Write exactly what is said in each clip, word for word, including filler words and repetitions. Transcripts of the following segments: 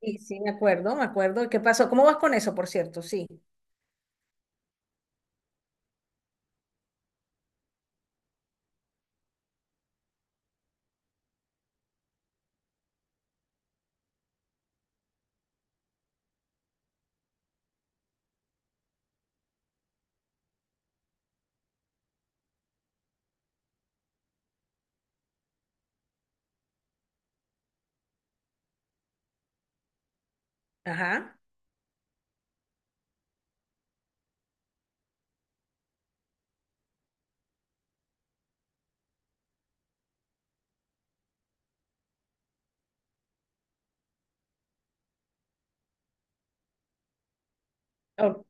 Sí, sí, me acuerdo, me acuerdo. ¿Qué pasó? ¿Cómo vas con eso, por cierto? Sí. Ajá. O-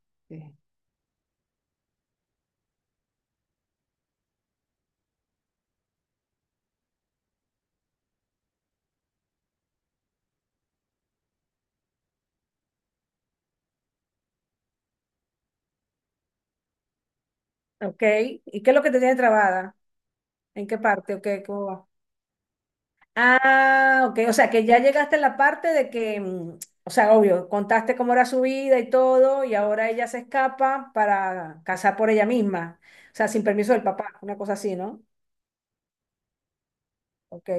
ok. ¿Y qué es lo que te tiene trabada? ¿En qué parte? Ok, ¿cómo va? Ah, ok. O sea, que ya llegaste a la parte de que, mm, o sea, obvio, contaste cómo era su vida y todo, y ahora ella se escapa para casar por ella misma. O sea, sin permiso del papá, una cosa así, ¿no? Ok.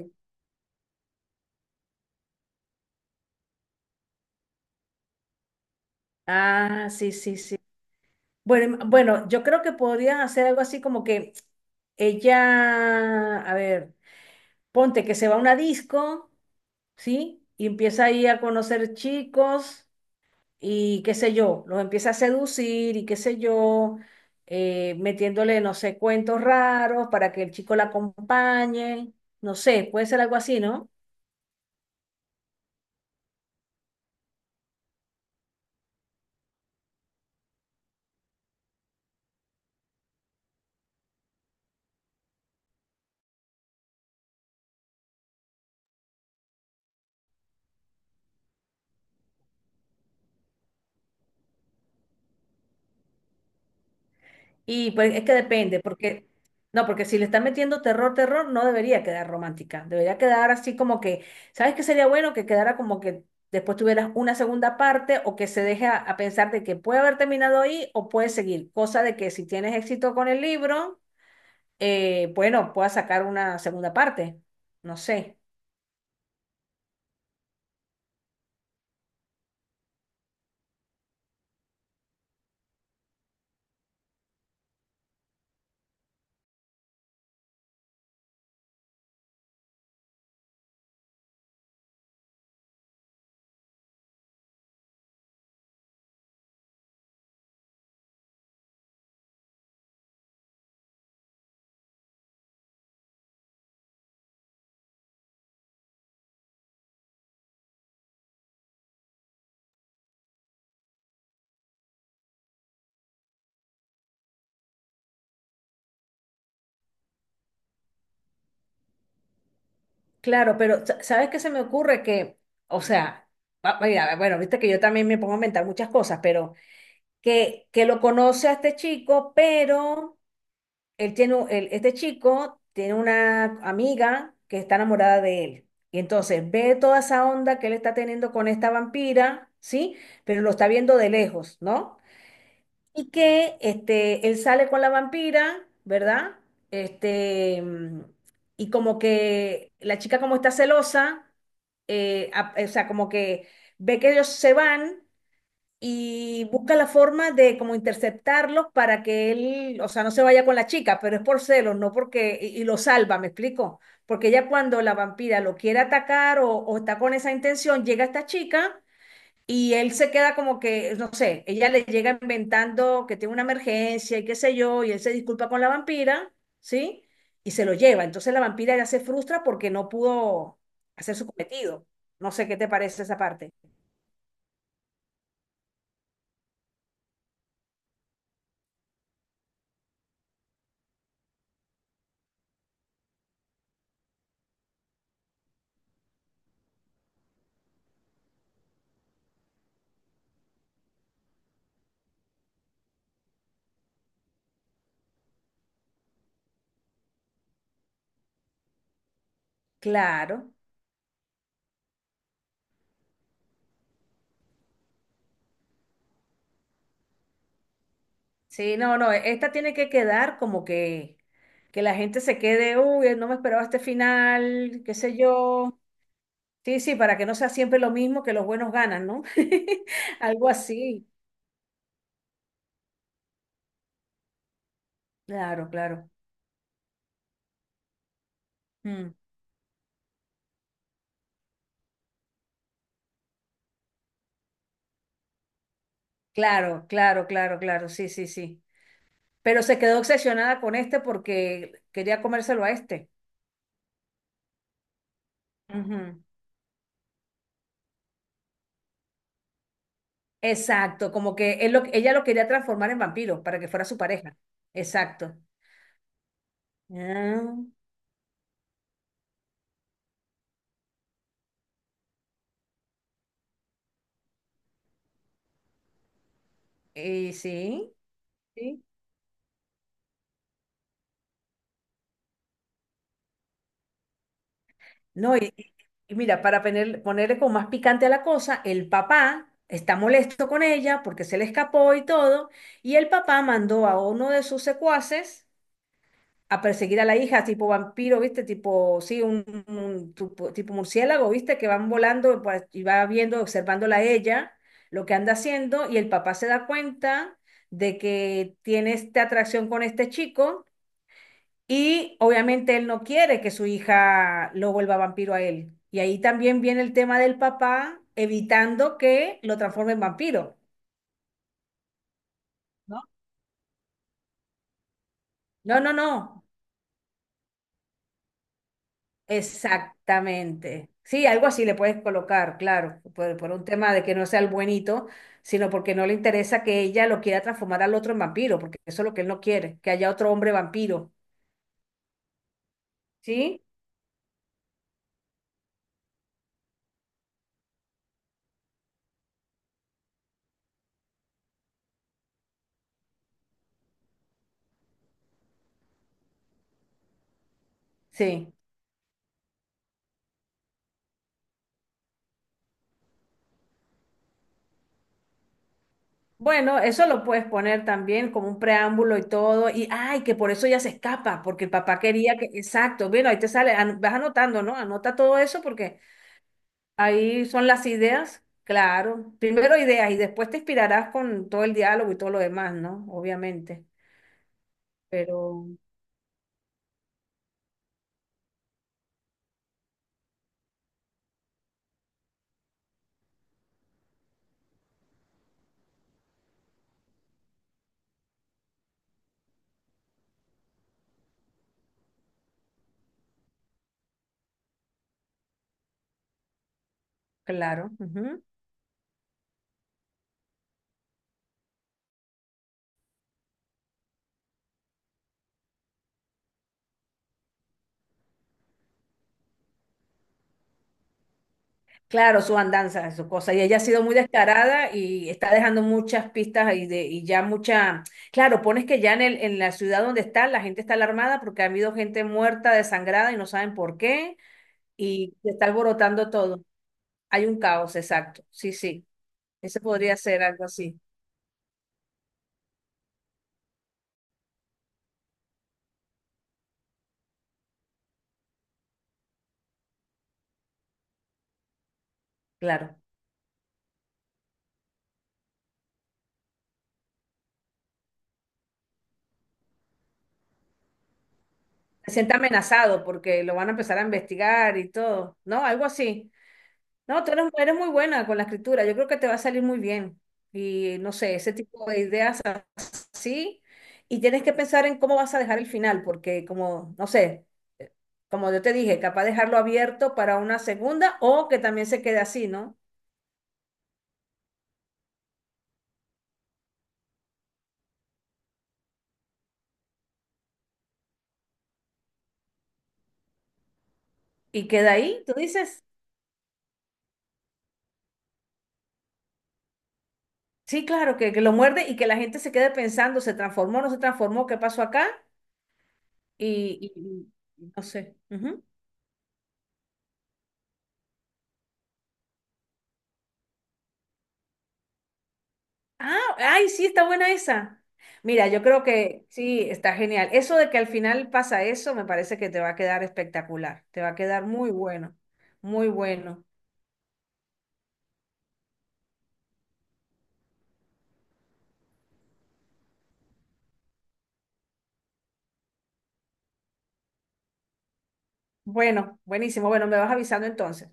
Ah, sí, sí, sí. Bueno, em- bueno, yo creo que podrías hacer algo así como que ella, a ver. Ponte que se va a una disco, ¿sí? Y empieza ahí a conocer chicos y qué sé yo, los empieza a seducir y qué sé yo, eh, metiéndole, no sé, cuentos raros para que el chico la acompañe, no sé, puede ser algo así, ¿no? Y pues es que depende, porque no, porque si le están metiendo terror, terror, no debería quedar romántica, debería quedar así como que, ¿sabes qué sería bueno? Que quedara como que después tuvieras una segunda parte o que se deje a, a pensar de que puede haber terminado ahí o puede seguir, cosa de que si tienes éxito con el libro, eh, bueno, puedas sacar una segunda parte, no sé. Claro, pero sa- ¿sabes qué se me ocurre? Que, o sea, va- mira, bueno, viste que yo también me pongo a inventar muchas cosas, pero... que, que lo conoce a este chico, pero él tiene, un- él- este chico tiene una amiga que está enamorada de él. Y entonces ve toda esa onda que él está teniendo con esta vampira, ¿sí? Pero lo está viendo de lejos, ¿no? Y que este, él sale con la vampira, ¿verdad? Este, mm, y como que la chica como está celosa, eh, a- o sea, como que ve que ellos se van y busca la forma de como interceptarlos para que él, o sea, no se vaya con la chica, pero es por celos, no porque, y, y lo salva, ¿me explico? Porque ella cuando la vampira lo quiere atacar o, o está con esa intención, llega esta chica y él se queda como que, no sé, ella le llega inventando que tiene una emergencia y qué sé yo, y él se disculpa con la vampira, ¿sí? Y se lo lleva. Entonces la vampira ya se frustra porque no pudo hacer su cometido. No sé qué te parece esa parte. Claro. Sí, no, no, e, esta tiene que quedar como que, que la gente se quede, uy, no me esperaba este final, qué sé yo. Sí, sí, para que no sea siempre lo mismo que los buenos ganan, ¿no? Algo así. Claro, claro. Mm. Claro, claro, claro, claro, sí, sí, sí. Pero se quedó obsesionada con este porque quería comérselo a este. Ujú. Exacto, como que él lo- ella lo quería transformar en vampiro para que fuera su pareja. Exacto. Ah, y sí. Sí. No, y, y mira, para poner- ponerle como más picante a la cosa, el papá está molesto con ella porque se le escapó y todo, y el papá mandó a uno de sus secuaces a perseguir a la hija, tipo vampiro, ¿viste? Tipo, sí, un, un tipo, tipo murciélago, ¿viste? Que van volando pues, y va viendo, observándola a ella, lo que anda haciendo, y el papá se da cuenta de que tiene esta atracción con este chico. Y obviamente él no quiere que su hija lo vuelva vampiro a él. Y ahí también viene el tema del papá evitando que lo transforme en vampiro, ¿no? No, no, no. Exactamente. Sí, algo así le puedes colocar, claro, por, por un tema de que no sea el buenito, sino porque no le interesa que ella lo quiera transformar al otro en vampiro, porque eso es lo que él no quiere, que haya otro hombre vampiro. ¿Sí? Sí. Bueno, eso lo puedes poner también como un preámbulo y todo, y ay, que por eso ella se escapa, porque el papá quería que, exacto, bueno, ahí te sale, an- vas anotando, ¿no? Anota todo eso porque ahí son las ideas, claro, primero ideas y después te inspirarás con todo el diálogo y todo lo demás, ¿no? Obviamente, pero claro. Claro, su andanza, su cosa. Y ella ha sido muy descarada y está dejando muchas pistas y, de, y ya mucha... Claro, pones que ya en, el, en la ciudad donde está, la gente está alarmada porque ha habido gente muerta, desangrada y no saben por qué. Y se está alborotando todo. Hay un caos, exacto. Sí, sí. Ese podría ser algo así, claro. Se siente amenazado porque lo van a empezar a investigar y todo. No, algo así. No, tú eres, eres muy buena con la escritura. Yo creo que te va a salir muy bien. Y no sé, ese tipo de ideas sí y tienes que pensar en cómo vas a dejar el final, porque como, no sé, como yo te dije, capaz dejarlo abierto para una segunda o que también se quede así, ¿no? Y queda ahí, tú dices, sí, claro, que, que lo muerde y que la gente se quede pensando, ¿se transformó, no se transformó, qué pasó acá? Y, y- y no sé. Ujú. Ah, ay, sí, está buena esa. Mira, yo creo que sí, está genial. Eso de que al final pasa eso, me parece que te va a quedar espectacular, te va a quedar muy bueno, muy bueno. Bueno, buenísimo. Bueno, me vas avisando entonces.